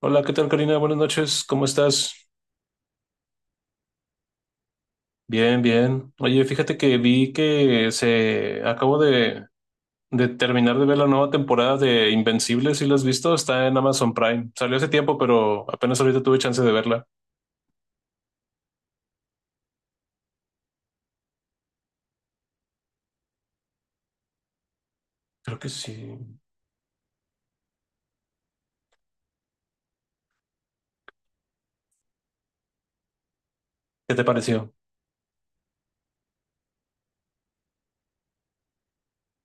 Hola, ¿qué tal, Karina? Buenas noches, ¿cómo estás? Bien, bien. Oye, fíjate que vi que se acabo de terminar de ver la nueva temporada de Invencible, si la has visto, está en Amazon Prime. Salió hace tiempo, pero apenas ahorita tuve chance de verla. Creo que sí. ¿Qué te pareció?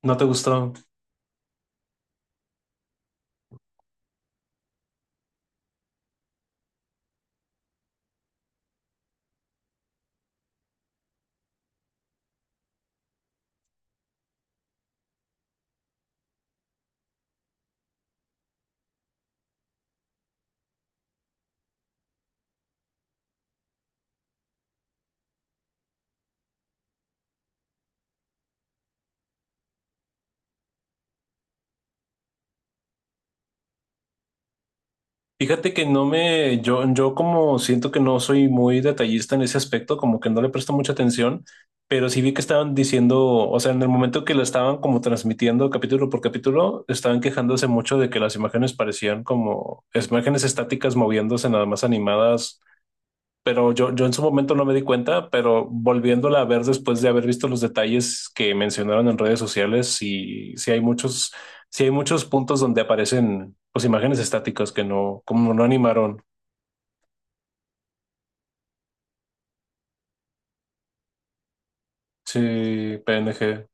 ¿No te gustó? Fíjate que no me, yo como siento que no soy muy detallista en ese aspecto, como que no le presto mucha atención, pero sí vi que estaban diciendo, o sea, en el momento que lo estaban como transmitiendo capítulo por capítulo, estaban quejándose mucho de que las imágenes parecían como imágenes estáticas moviéndose nada más animadas, pero yo en su momento no me di cuenta, pero volviéndola a ver después de haber visto los detalles que mencionaron en redes sociales, y sí hay muchos puntos donde aparecen pues imágenes estáticas que no, como no animaron. Sí, PNG,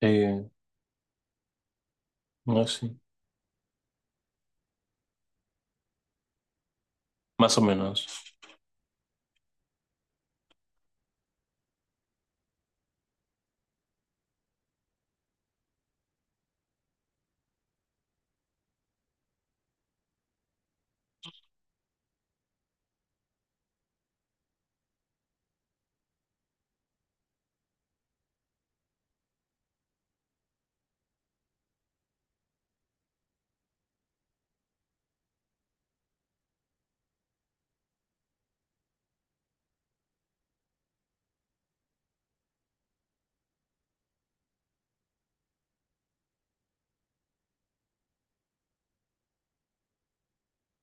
eh, no sí más o menos.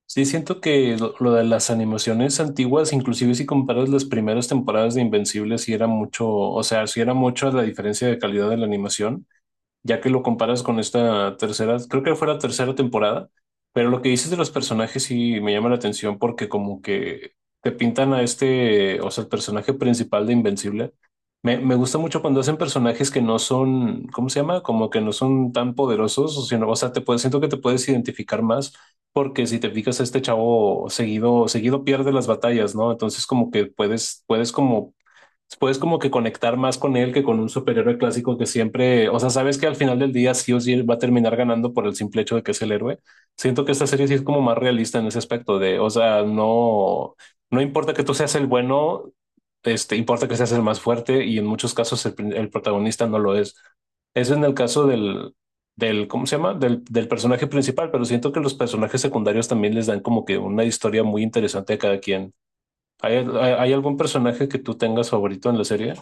Sí, siento que lo de las animaciones antiguas, inclusive si comparas las primeras temporadas de Invencible, sí era mucho, o sea, sí era mucho la diferencia de calidad de la animación ya que lo comparas con esta tercera, creo que fue la tercera temporada, pero lo que dices de los personajes sí me llama la atención porque como que te pintan a este, o sea, el personaje principal de Invencible. Me gusta mucho cuando hacen personajes que no son, ¿cómo se llama? Como que no son tan poderosos, o sino, o sea, te puedes, siento que te puedes identificar más porque si te fijas, a este chavo seguido, seguido pierde las batallas, ¿no? Entonces como que puedes, puedes como que conectar más con él que con un superhéroe clásico que siempre, o sea, sabes que al final del día sí o sí va a terminar ganando por el simple hecho de que es el héroe. Siento que esta serie sí es como más realista en ese aspecto de, o sea, no, no importa que tú seas el bueno, este, importa que seas el más fuerte y en muchos casos el, el protagonista no lo es. Eso en el caso del, del, ¿cómo se llama? Del, del personaje principal, pero siento que los personajes secundarios también les dan como que una historia muy interesante a cada quien. ¿Hay, hay, hay algún personaje que tú tengas favorito en la serie?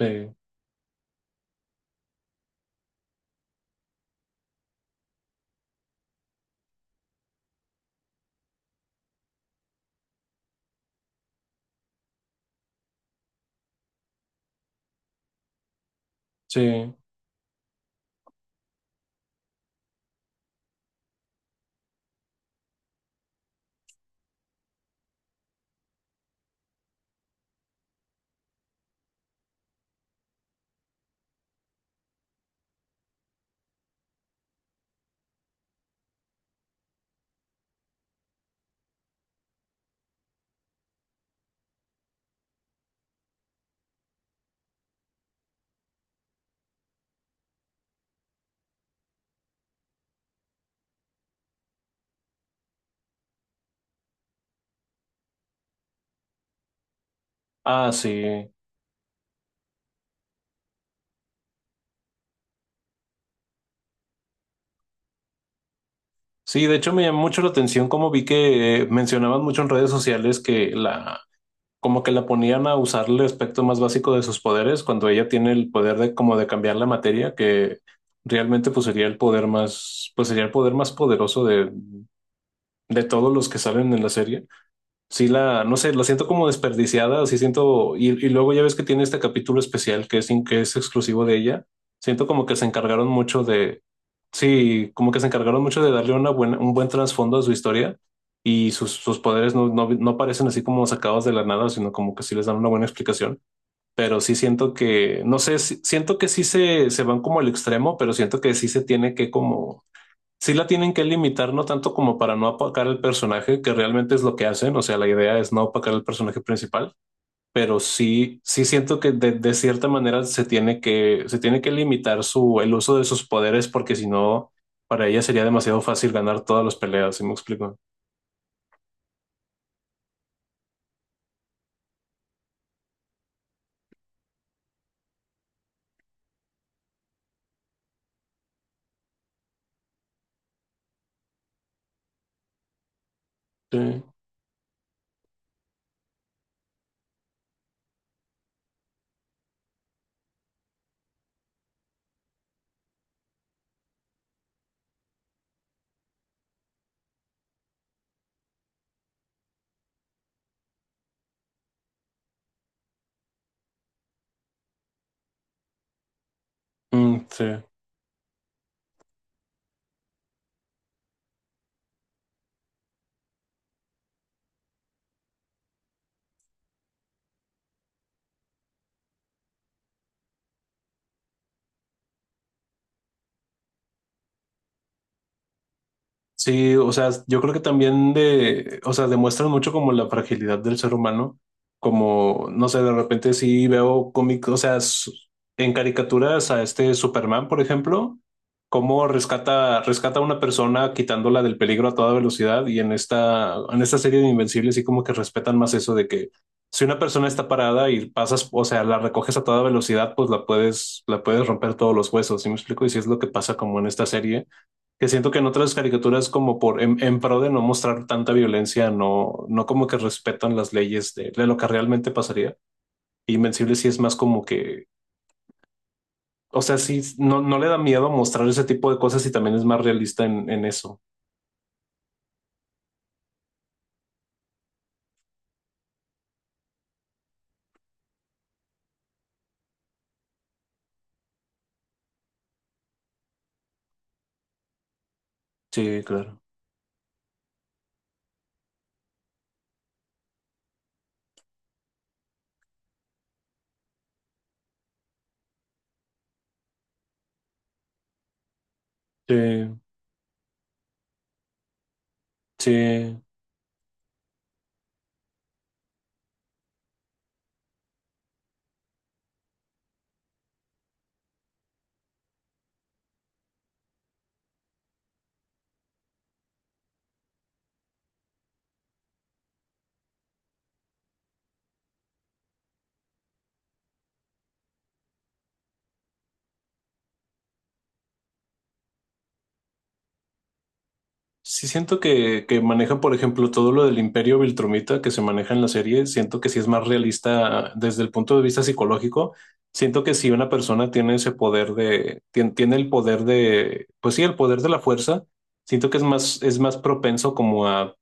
Sí, sí. Ah, sí. Sí, de hecho me llamó mucho la atención como vi que mencionaban mucho en redes sociales que la, como que la ponían a usar el aspecto más básico de sus poderes cuando ella tiene el poder de como de cambiar la materia, que realmente pues sería el poder más, pues sería el poder más poderoso de todos los que salen en la serie. Sí, la, no sé, la siento como desperdiciada, sí siento, y luego ya ves que tiene este capítulo especial que es, que es exclusivo de ella, siento como que se encargaron mucho de, sí, como que se encargaron mucho de darle una buena, un buen trasfondo a su historia y sus, sus poderes no, no, no parecen así como sacados de la nada, sino como que sí les dan una buena explicación, pero sí siento que, no sé, siento que sí se van como al extremo, pero siento que sí se tiene que como sí la tienen que limitar, no tanto como para no apacar el personaje, que realmente es lo que hacen, o sea, la idea es no apacar el personaje principal, pero sí, sí siento que de cierta manera se tiene que limitar su, el uso de sus poderes, porque si no, para ella sería demasiado fácil ganar todas las peleas, ¿sí me explico? Sí. Mm, sí. Sí, o sea, yo creo que también de, o sea, demuestran mucho como la fragilidad del ser humano, como, no sé, de repente sí veo cómics, o sea, en caricaturas a este Superman, por ejemplo, cómo rescata, rescata a una persona quitándola del peligro a toda velocidad y en esta serie de Invencibles sí como que respetan más eso de que si una persona está parada y pasas, o sea, la recoges a toda velocidad, pues la puedes romper todos los huesos, ¿sí me explico? Y si es lo que pasa como en esta serie que siento que en otras caricaturas como por en pro de no mostrar tanta violencia, no, no como que respetan las leyes de lo que realmente pasaría. Invencible sí es más como que, o sea, sí, no, no le da miedo mostrar ese tipo de cosas y también es más realista en eso. Sí, claro. Sí, sí. Sí siento que maneja, por ejemplo, todo lo del imperio Viltrumita que se maneja en la serie, siento que sí es más realista desde el punto de vista psicológico. Siento que si una persona tiene ese poder de, tiene, el poder de, pues sí, el poder de la fuerza, siento que es más propenso como a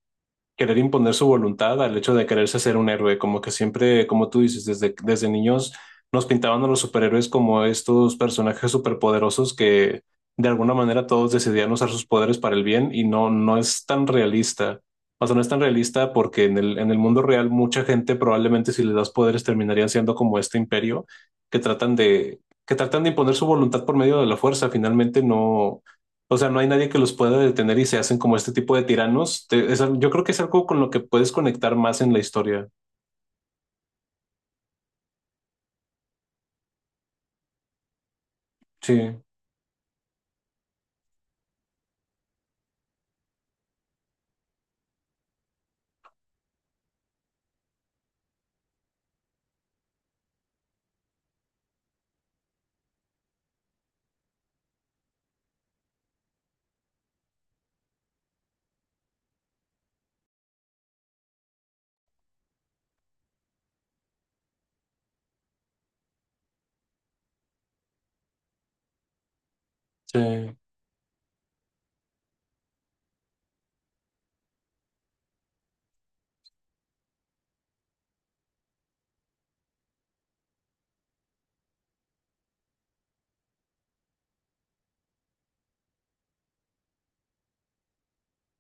querer imponer su voluntad al hecho de quererse ser un héroe, como que siempre, como tú dices, desde, desde niños nos pintaban a los superhéroes como estos personajes superpoderosos que de alguna manera todos decidían usar sus poderes para el bien y no, no es tan realista. O sea, no es tan realista porque en el mundo real mucha gente probablemente si les das poderes terminarían siendo como este imperio que tratan de, que tratan de imponer su voluntad por medio de la fuerza. Finalmente no, o sea, no hay nadie que los pueda detener y se hacen como este tipo de tiranos. Yo creo que es algo con lo que puedes conectar más en la historia. Sí, sí.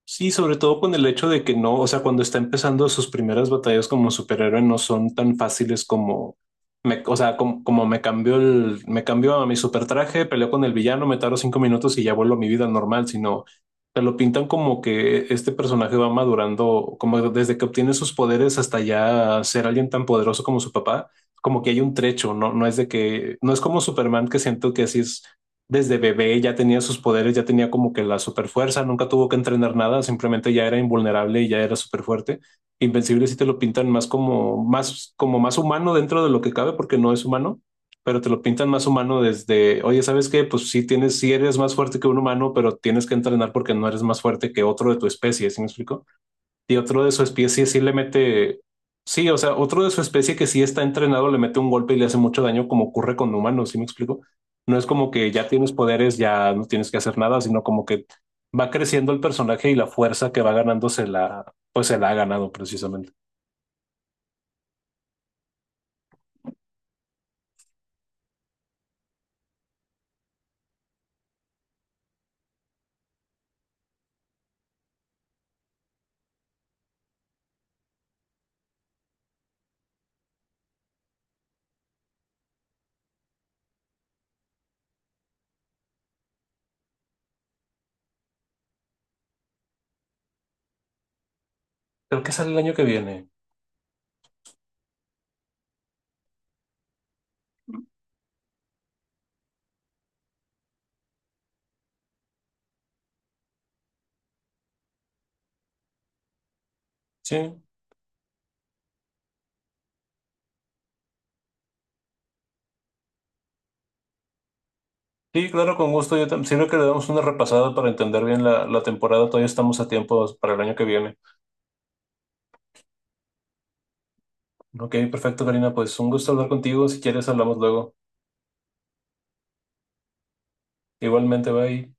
Sí, sobre todo con el hecho de que no, o sea, cuando está empezando sus primeras batallas como superhéroe no son tan fáciles como, me, o sea, como, como me cambió el, me cambió a mi super traje, peleo con el villano, me tardo 5 minutos y ya vuelvo a mi vida normal, sino te lo pintan como que este personaje va madurando, como desde que obtiene sus poderes hasta ya ser alguien tan poderoso como su papá, como que hay un trecho, no, no es de que, no es como Superman que siento que así es desde bebé ya tenía sus poderes, ya tenía como que la super fuerza, nunca tuvo que entrenar nada, simplemente ya era invulnerable y ya era súper fuerte. Invencible sí te lo pintan más como, más, como más humano dentro de lo que cabe, porque no es humano, pero te lo pintan más humano desde, oye, ¿sabes qué? Pues sí tienes, sí eres más fuerte que un humano, pero tienes que entrenar porque no eres más fuerte que otro de tu especie, ¿sí me explico? Y otro de su especie sí le mete, sí, o sea, otro de su especie que sí está entrenado le mete un golpe y le hace mucho daño, como ocurre con humanos, ¿sí me explico? No es como que ya tienes poderes, ya no tienes que hacer nada, sino como que va creciendo el personaje y la fuerza que va ganando se la, pues se la ha ganado precisamente. Creo que sale el año que viene. Sí, sí, claro, con gusto. Yo también sirve que le damos una repasada para entender bien la, la temporada. Todavía estamos a tiempo para el año que viene. Ok, perfecto, Karina. Pues un gusto hablar contigo. Si quieres, hablamos luego. Igualmente, bye.